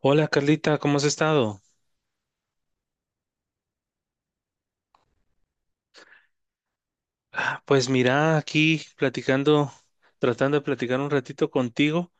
Hola Carlita, ¿cómo has estado? Pues mira, aquí platicando, tratando de platicar un ratito contigo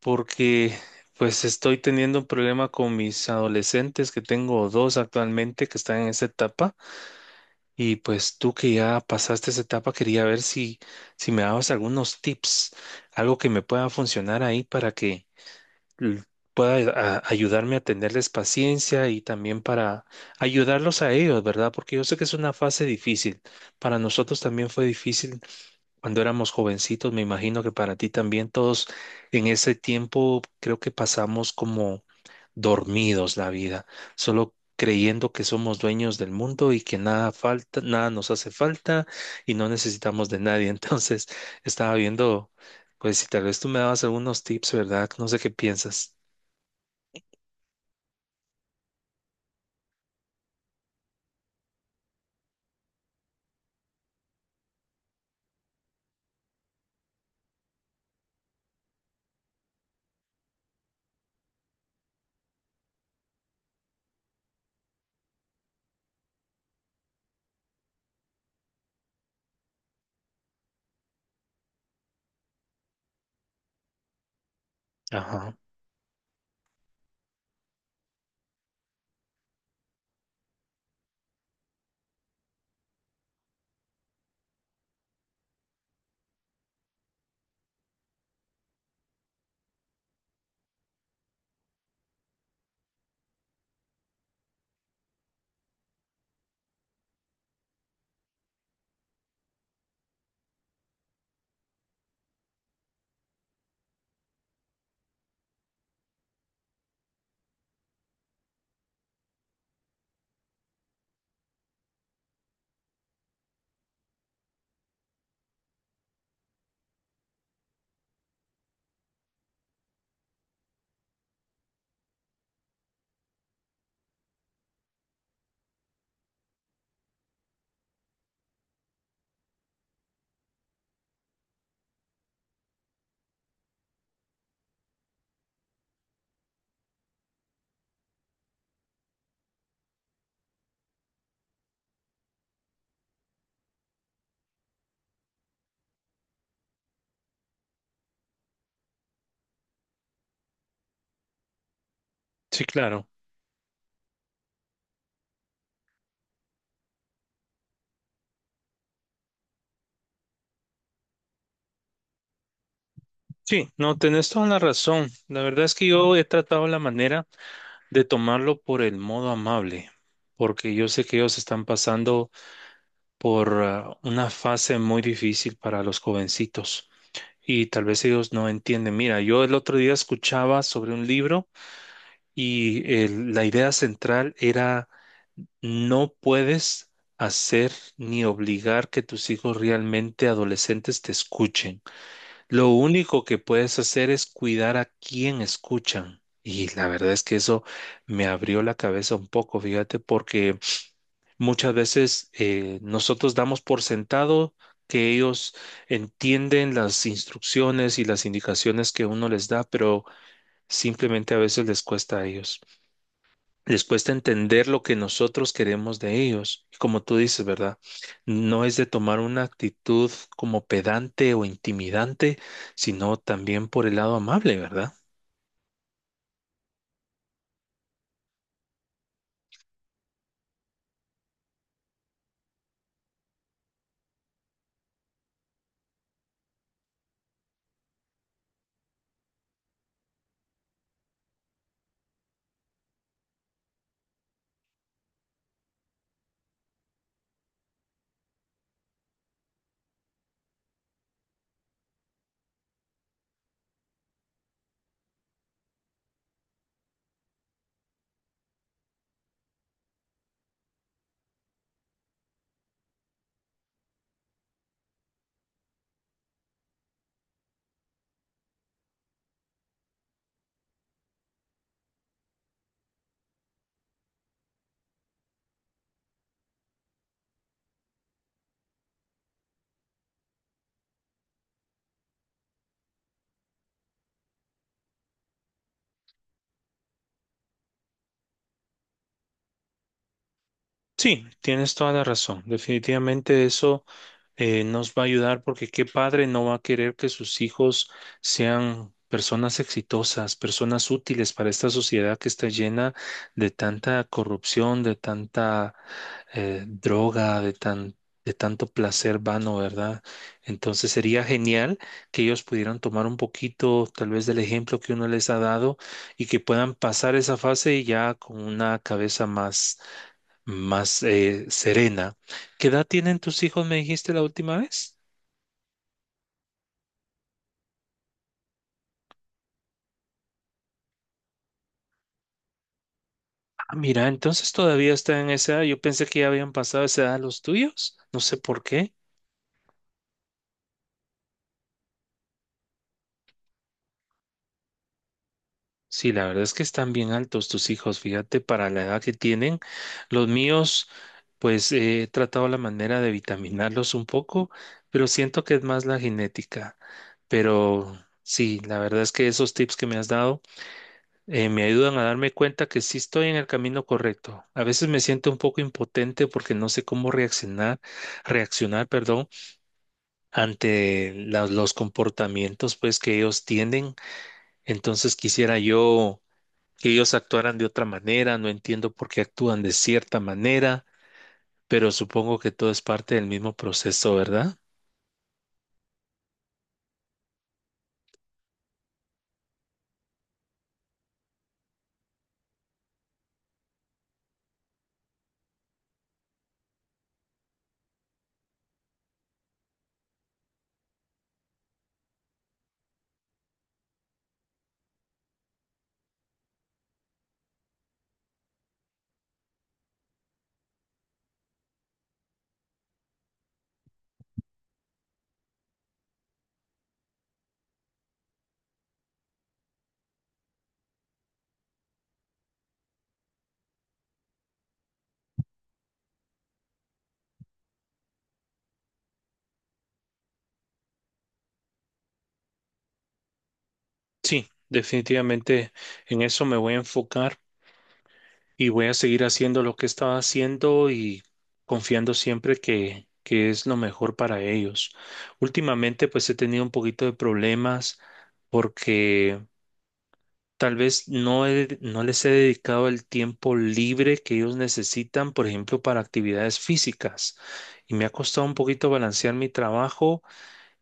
porque pues estoy teniendo un problema con mis adolescentes que tengo dos actualmente que están en esa etapa y pues tú que ya pasaste esa etapa quería ver si me dabas algunos tips, algo que me pueda funcionar ahí para que l- pueda ayudarme a tenerles paciencia y también para ayudarlos a ellos, ¿verdad? Porque yo sé que es una fase difícil. Para nosotros también fue difícil cuando éramos jovencitos, me imagino que para ti también todos en ese tiempo creo que pasamos como dormidos la vida, solo creyendo que somos dueños del mundo y que nada falta, nada nos hace falta y no necesitamos de nadie. Entonces, estaba viendo, pues si tal vez tú me dabas algunos tips, ¿verdad? No sé qué piensas. Ajá, sí, claro. Sí, no, tenés toda la razón. La verdad es que yo he tratado la manera de tomarlo por el modo amable, porque yo sé que ellos están pasando por una fase muy difícil para los jovencitos y tal vez ellos no entienden. Mira, yo el otro día escuchaba sobre un libro y la idea central era no puedes hacer ni obligar que tus hijos realmente adolescentes te escuchen. Lo único que puedes hacer es cuidar a quién escuchan. Y la verdad es que eso me abrió la cabeza un poco, fíjate, porque muchas veces nosotros damos por sentado que ellos entienden las instrucciones y las indicaciones que uno les da, pero simplemente a veces les cuesta a ellos, les cuesta entender lo que nosotros queremos de ellos. Y como tú dices, ¿verdad? No es de tomar una actitud como pedante o intimidante, sino también por el lado amable, ¿verdad? Sí, tienes toda la razón. Definitivamente eso nos va a ayudar porque qué padre no va a querer que sus hijos sean personas exitosas, personas útiles para esta sociedad que está llena de tanta corrupción, de tanta droga, de de tanto placer vano, ¿verdad? Entonces sería genial que ellos pudieran tomar un poquito, tal vez, del ejemplo que uno les ha dado y que puedan pasar esa fase ya con una cabeza más serena. ¿Qué edad tienen tus hijos, me dijiste la última vez? Ah, mira, entonces todavía están en esa edad. Yo pensé que ya habían pasado esa edad los tuyos. No sé por qué. Sí, la verdad es que están bien altos tus hijos, fíjate, para la edad que tienen. Los míos, pues he tratado la manera de vitaminarlos un poco, pero siento que es más la genética. Pero sí, la verdad es que esos tips que me has dado me ayudan a darme cuenta que sí estoy en el camino correcto. A veces me siento un poco impotente porque no sé cómo reaccionar, perdón, ante los comportamientos pues que ellos tienen. Entonces quisiera yo que ellos actuaran de otra manera, no entiendo por qué actúan de cierta manera, pero supongo que todo es parte del mismo proceso, ¿verdad? Sí, definitivamente en eso me voy a enfocar. Y voy a seguir haciendo lo que estaba haciendo y confiando siempre que es lo mejor para ellos. Últimamente, pues he tenido un poquito de problemas porque tal vez no les he dedicado el tiempo libre que ellos necesitan, por ejemplo, para actividades físicas. Y me ha costado un poquito balancear mi trabajo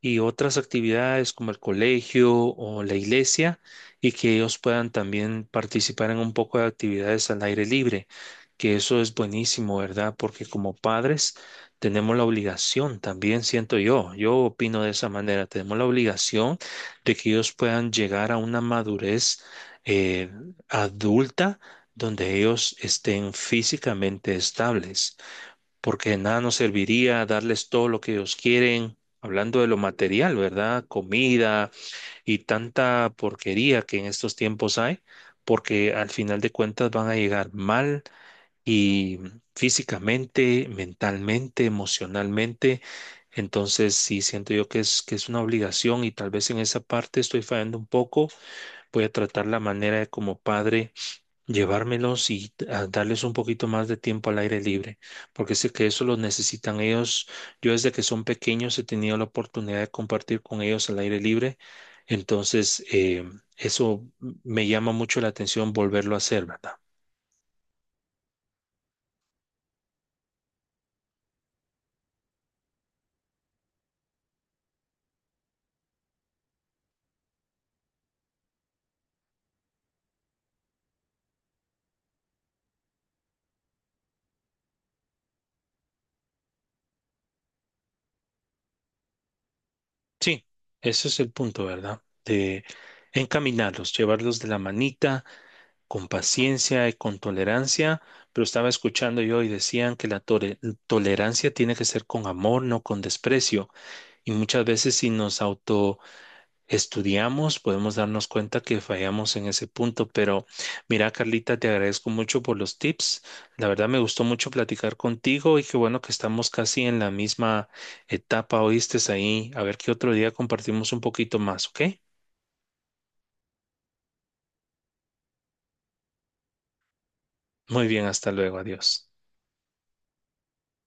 y otras actividades como el colegio o la iglesia y que ellos puedan también participar en un poco de actividades al aire libre, que eso es buenísimo, ¿verdad? Porque como padres tenemos la obligación, también siento yo, yo opino de esa manera, tenemos la obligación de que ellos puedan llegar a una madurez eh, adulta donde ellos estén físicamente estables porque de nada nos serviría darles todo lo que ellos quieren, hablando de lo material, ¿verdad? Comida y tanta porquería que en estos tiempos hay, porque al final de cuentas van a llegar mal y físicamente, mentalmente, emocionalmente. Entonces, sí, siento yo que es una obligación y tal vez en esa parte estoy fallando un poco. Voy a tratar la manera de como padre llevármelos y a darles un poquito más de tiempo al aire libre, porque sé que eso lo necesitan ellos. Yo desde que son pequeños he tenido la oportunidad de compartir con ellos al aire libre, entonces eso me llama mucho la atención volverlo a hacer, ¿verdad? Sí, ese es el punto, ¿verdad? De encaminarlos, llevarlos de la manita, con paciencia y con tolerancia. Pero estaba escuchando yo y decían que la tolerancia tiene que ser con amor, no con desprecio. Y muchas veces si nos autoestudiamos, podemos darnos cuenta que fallamos en ese punto. Pero mira, Carlita, te agradezco mucho por los tips. La verdad me gustó mucho platicar contigo y qué bueno que estamos casi en la misma etapa, oíste ahí. A ver qué otro día compartimos un poquito más, ¿ok? Muy bien, hasta luego, adiós.